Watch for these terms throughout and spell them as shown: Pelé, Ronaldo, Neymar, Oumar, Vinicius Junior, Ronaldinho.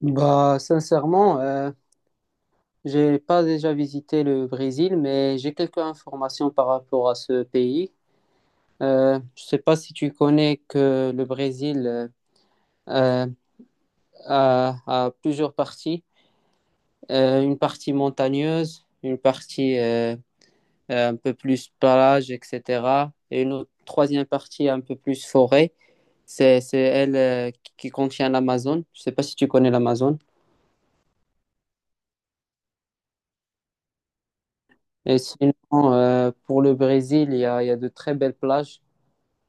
Bah, sincèrement, j'ai pas déjà visité le Brésil, mais j'ai quelques informations par rapport à ce pays. Je sais pas si tu connais que le Brésil euh, a, a plusieurs parties. Une partie montagneuse, une partie un peu plus plage, etc., et troisième partie un peu plus forêt. C'est elle qui contient l'Amazone. Je sais pas si tu connais l'Amazone. Et sinon, pour le Brésil, il y a de très belles plages.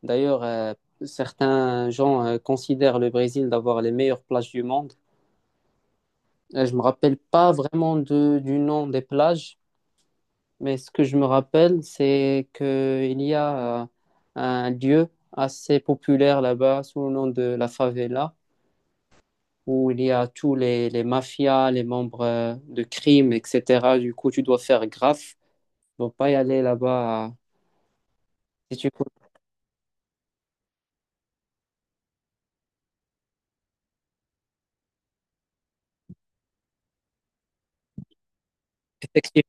D'ailleurs, certains gens considèrent le Brésil d'avoir les meilleures plages du monde. Je me rappelle pas vraiment du nom des plages, mais ce que je me rappelle, c'est qu'il y a, un lieu assez populaire là-bas sous le nom de la favela, où il y a les mafias, les membres de crimes, etc. Du coup, tu dois faire gaffe, ne pas y aller là-bas, si tu peux.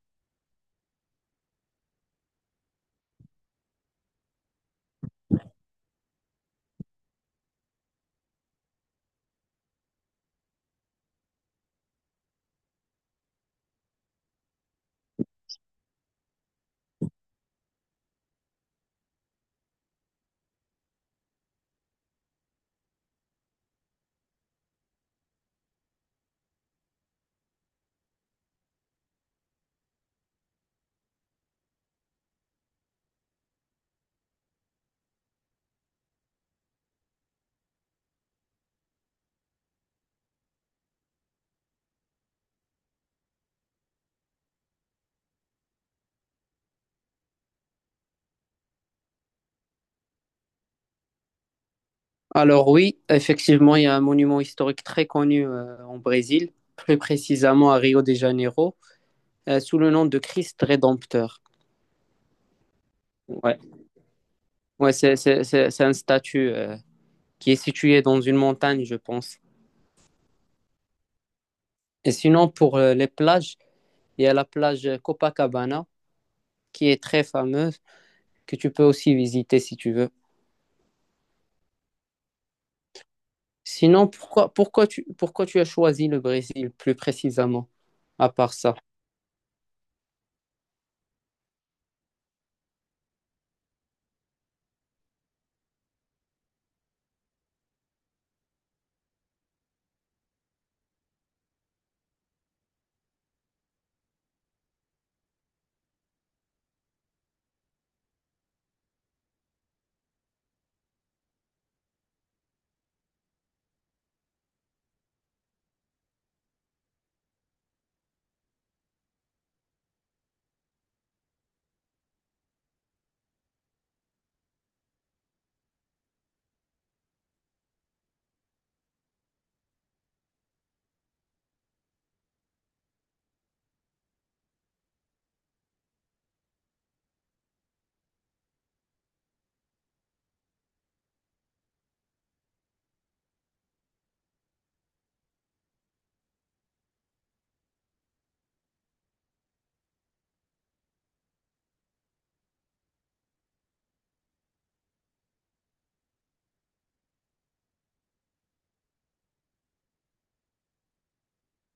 Alors oui, effectivement, il y a un monument historique très connu en Brésil, plus précisément à Rio de Janeiro, sous le nom de Christ Rédempteur. Ouais, ouais, c'est un statut qui est situé dans une montagne, je pense. Et sinon, pour les plages, il y a la plage Copacabana, qui est très fameuse, que tu peux aussi visiter si tu veux. Sinon, pourquoi tu as choisi le Brésil plus précisément, à part ça?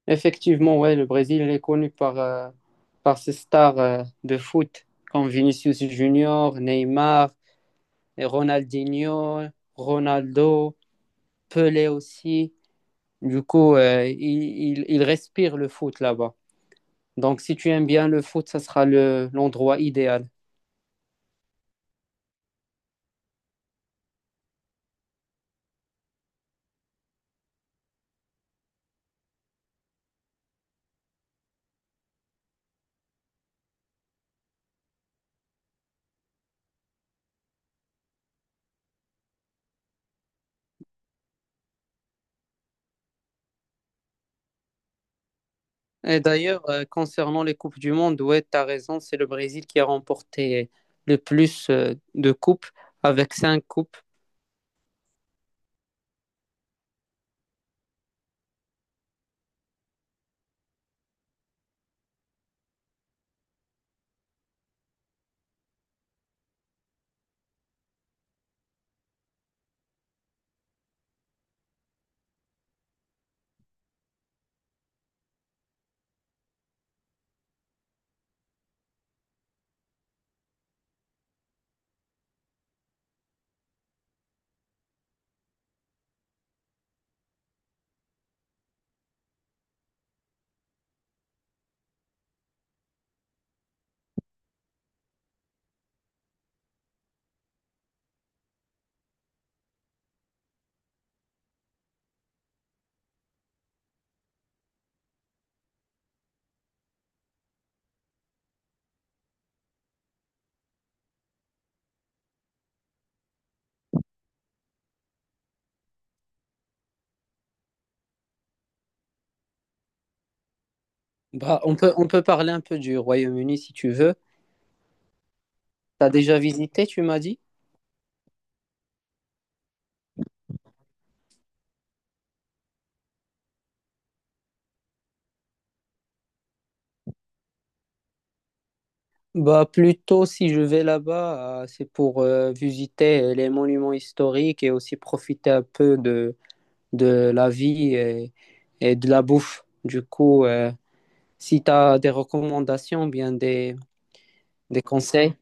Effectivement, ouais, le Brésil il est connu par, par ses stars de foot comme Vinicius Junior, Neymar, et Ronaldinho, Ronaldo, Pelé aussi. Du coup, il respire le foot là-bas. Donc, si tu aimes bien le foot, ça sera l'endroit idéal. Et d'ailleurs, concernant les Coupes du Monde, ouais, tu as raison, c'est le Brésil qui a remporté le plus de coupes, avec 5 coupes. Bah, on peut parler un peu du Royaume-Uni si tu veux. T'as déjà visité, tu m'as dit? Bah, plutôt si je vais là-bas, c'est pour visiter les monuments historiques et aussi profiter un peu de la vie et de la bouffe. Du coup, si tu as des recommandations, des conseils.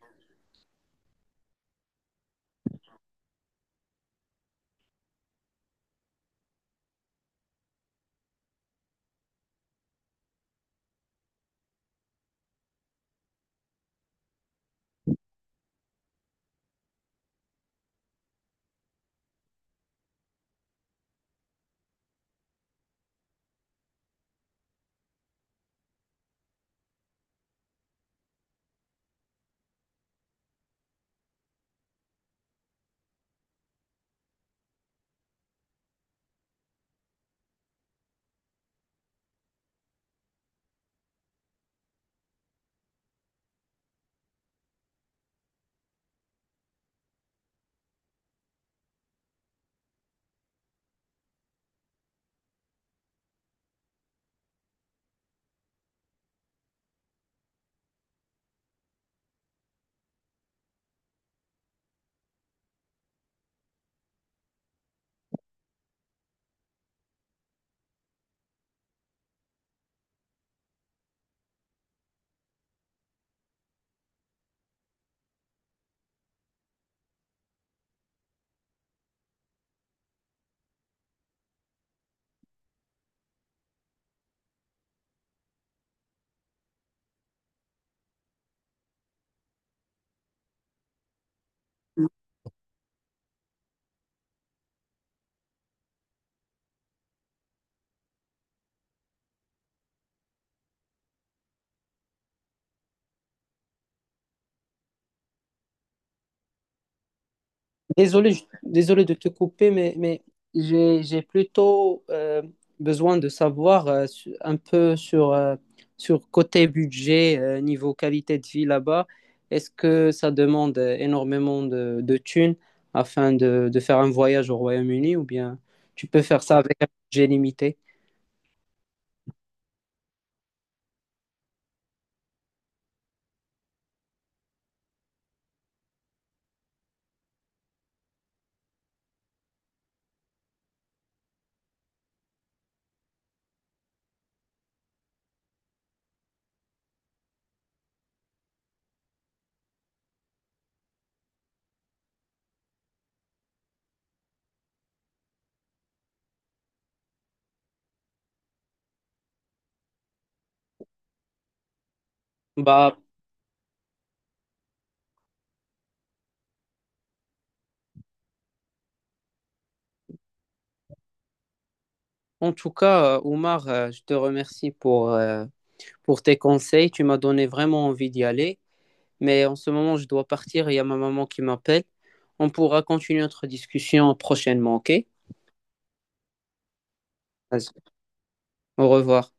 Désolé, désolé de te couper, mais j'ai plutôt besoin de savoir un peu sur, sur côté budget, niveau qualité de vie là-bas. Est-ce que ça demande énormément de thunes afin de faire un voyage au Royaume-Uni ou bien tu peux faire ça avec un budget limité? Bah, en tout cas, Oumar, je te remercie pour tes conseils. Tu m'as donné vraiment envie d'y aller. Mais en ce moment, je dois partir. Il y a ma maman qui m'appelle. On pourra continuer notre discussion prochainement, ok? Vas-y. Au revoir.